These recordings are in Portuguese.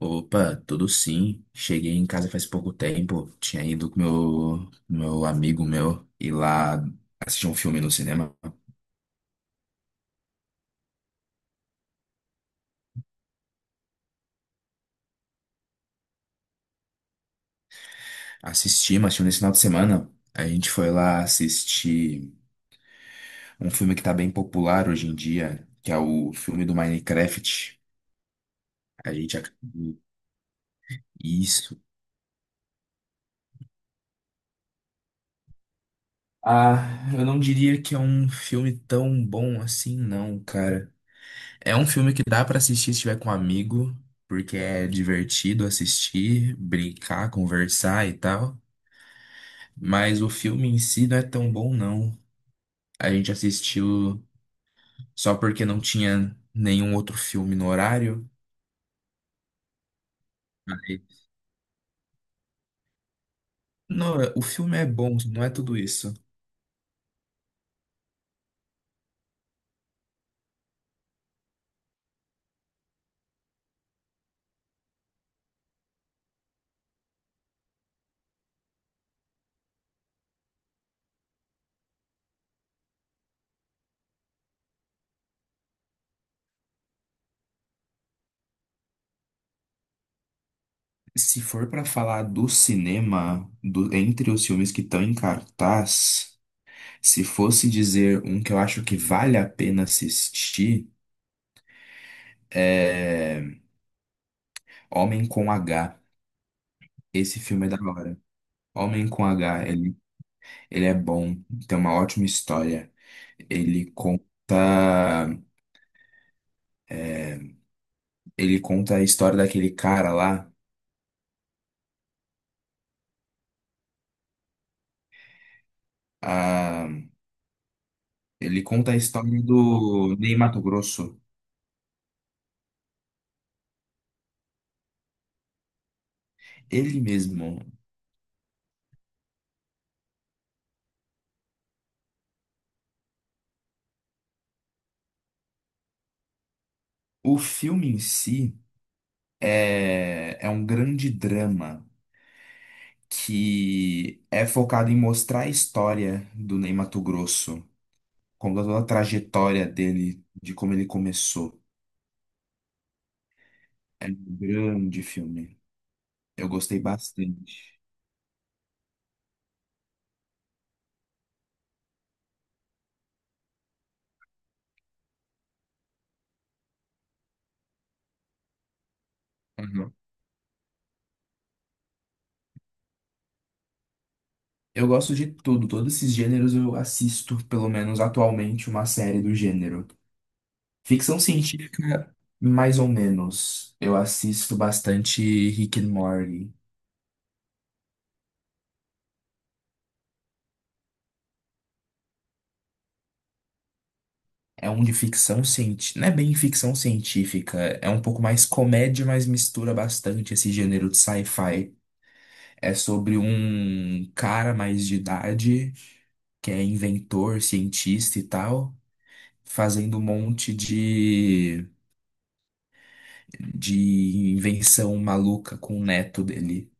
Opa, tudo sim. Cheguei em casa faz pouco tempo. Tinha ido com meu amigo meu ir lá assistir um filme no cinema. Assisti, mas tinha um nesse final de semana. A gente foi lá assistir um filme que tá bem popular hoje em dia, que é o filme do Minecraft. A gente acabou isso. Ah, eu não diria que é um filme tão bom assim, não, cara. É um filme que dá pra assistir se estiver com um amigo, porque é divertido assistir, brincar, conversar e tal. Mas o filme em si não é tão bom, não. A gente assistiu só porque não tinha nenhum outro filme no horário. Aí, não, o filme é bom, não é tudo isso. Se for pra falar do cinema, entre os filmes que estão em cartaz, se fosse dizer um que eu acho que vale a pena assistir, é Homem com H. Esse filme é da hora. Homem com H, ele é bom, tem uma ótima história. Ele conta, ele conta a história daquele cara lá. Ah, ele conta a história do Ney Matogrosso. Ele mesmo. O filme em si é um grande drama que é focado em mostrar a história do Ney Matogrosso, conta toda a trajetória dele, de como ele começou. É um grande filme. Eu gostei bastante. Uhum. Eu gosto de tudo, todos esses gêneros eu assisto, pelo menos atualmente, uma série do gênero. Ficção científica, mais ou menos. Eu assisto bastante Rick and Morty. É um de ficção científica, não é bem ficção científica, é um pouco mais comédia, mas mistura bastante esse gênero de sci-fi. É sobre um cara mais de idade que é inventor, cientista e tal, fazendo um monte de invenção maluca com o neto dele.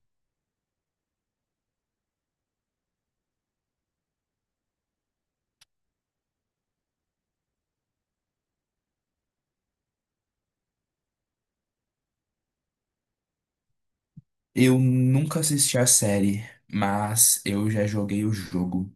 Eu nunca assisti a série, mas eu já joguei o jogo.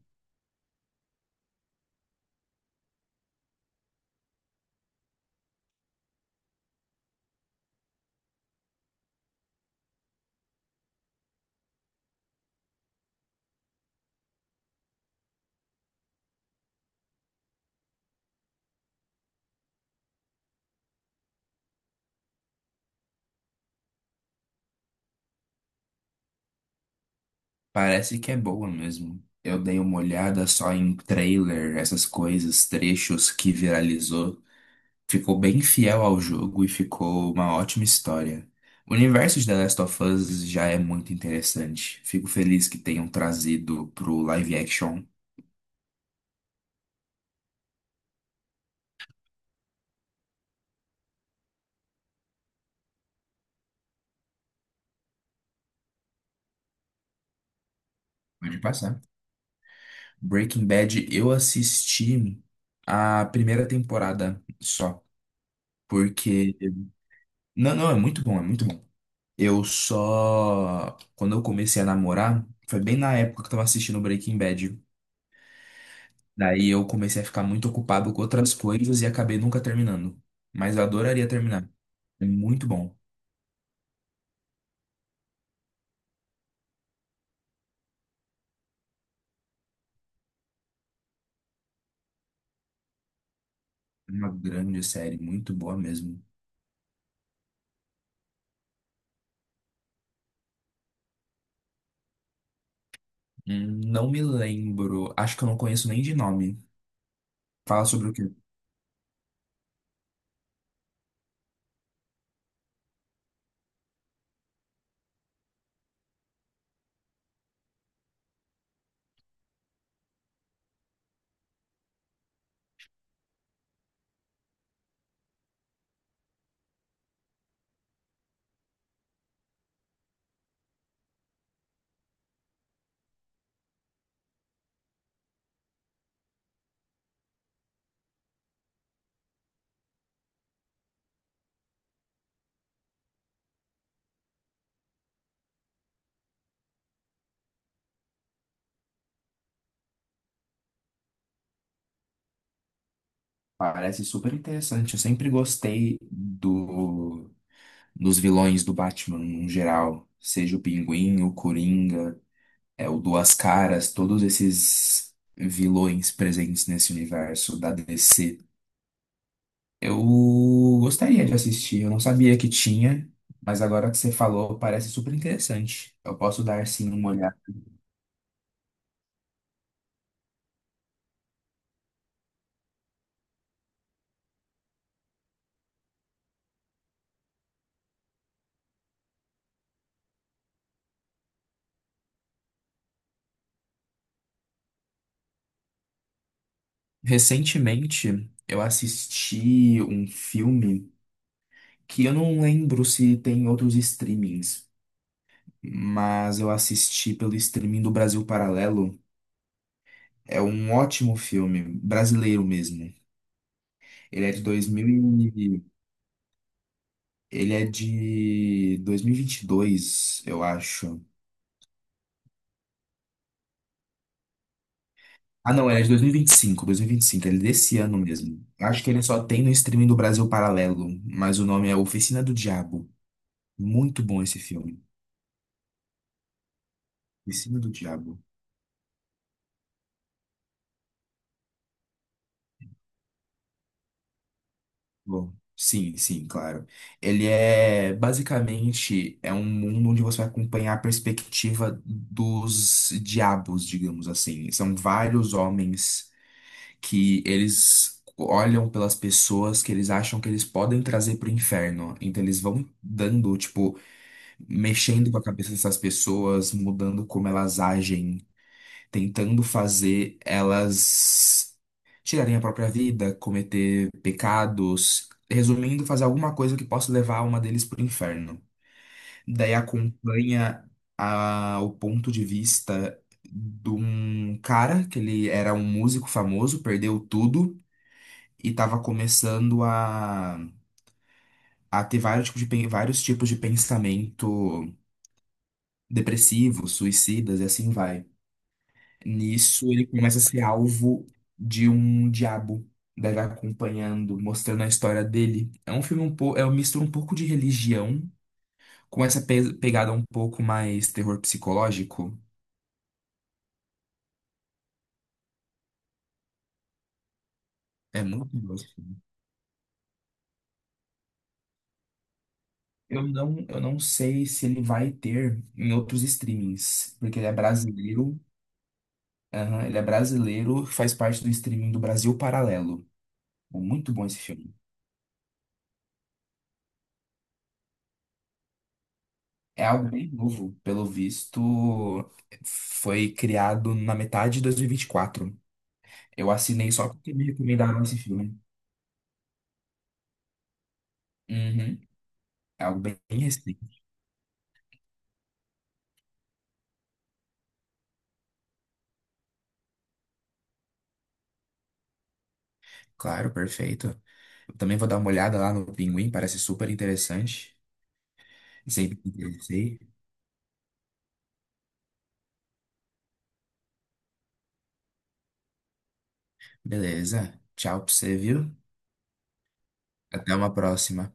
Parece que é boa mesmo. Eu dei uma olhada só em trailer, essas coisas, trechos que viralizou. Ficou bem fiel ao jogo e ficou uma ótima história. O universo de The Last of Us já é muito interessante. Fico feliz que tenham trazido pro live action. Pode passar. Breaking Bad, eu assisti a primeira temporada só, porque não, é muito bom, é muito bom. Eu só quando eu comecei a namorar, foi bem na época que eu tava assistindo Breaking Bad. Daí eu comecei a ficar muito ocupado com outras coisas e acabei nunca terminando. Mas eu adoraria terminar. É muito bom. É uma grande série, muito boa mesmo. Não me lembro, acho que eu não conheço nem de nome. Fala sobre o quê? Parece super interessante. Eu sempre gostei do, dos vilões do Batman no geral, seja o Pinguim, o Coringa, é o Duas Caras, todos esses vilões presentes nesse universo da DC. Eu gostaria de assistir, eu não sabia que tinha, mas agora que você falou, parece super interessante. Eu posso dar sim uma olhada. Recentemente, eu assisti um filme que eu não lembro se tem em outros streamings, mas eu assisti pelo streaming do Brasil Paralelo. É um ótimo filme, brasileiro mesmo. Ele é de 2000 e... ele é de 2022, eu acho. Ah, não, ele é de 2025, 2025, ele é desse ano mesmo. Acho que ele só tem no streaming do Brasil Paralelo, mas o nome é Oficina do Diabo. Muito bom esse filme. Oficina do Diabo. Bom, sim, sim, claro. Ele é basicamente um mundo onde você vai acompanhar a perspectiva dos diabos, digamos assim. São vários homens que eles olham pelas pessoas que eles acham que eles podem trazer para o inferno. Então eles vão dando, tipo, mexendo com a cabeça dessas pessoas, mudando como elas agem, tentando fazer elas tirarem a própria vida, cometer pecados, resumindo, fazer alguma coisa que possa levar a alma deles para o inferno. Daí acompanha o ponto de vista de um cara que ele era um músico famoso, perdeu tudo e estava começando a ter vários tipos de, vários tipos de pensamento depressivo, suicidas e assim vai. Nisso, ele começa a ser alvo de um diabo. Daí vai acompanhando, mostrando a história dele. É um filme um pouco, é um misto um pouco de religião com essa pegada um pouco mais terror psicológico. É muito bom esse filme. Eu não sei se ele vai ter em outros streamings, porque ele é brasileiro. Aham, ele é brasileiro, faz parte do streaming do Brasil Paralelo. Muito bom esse filme. É algo bem novo, pelo visto, foi criado na metade de 2024. Eu assinei só porque me recomendaram esse filme. Uhum. É algo bem recente. Claro, perfeito. Eu também vou dar uma olhada lá no Pinguim, parece super interessante. Sempre me interessei. Beleza. Tchau pra você, viu? Até uma próxima.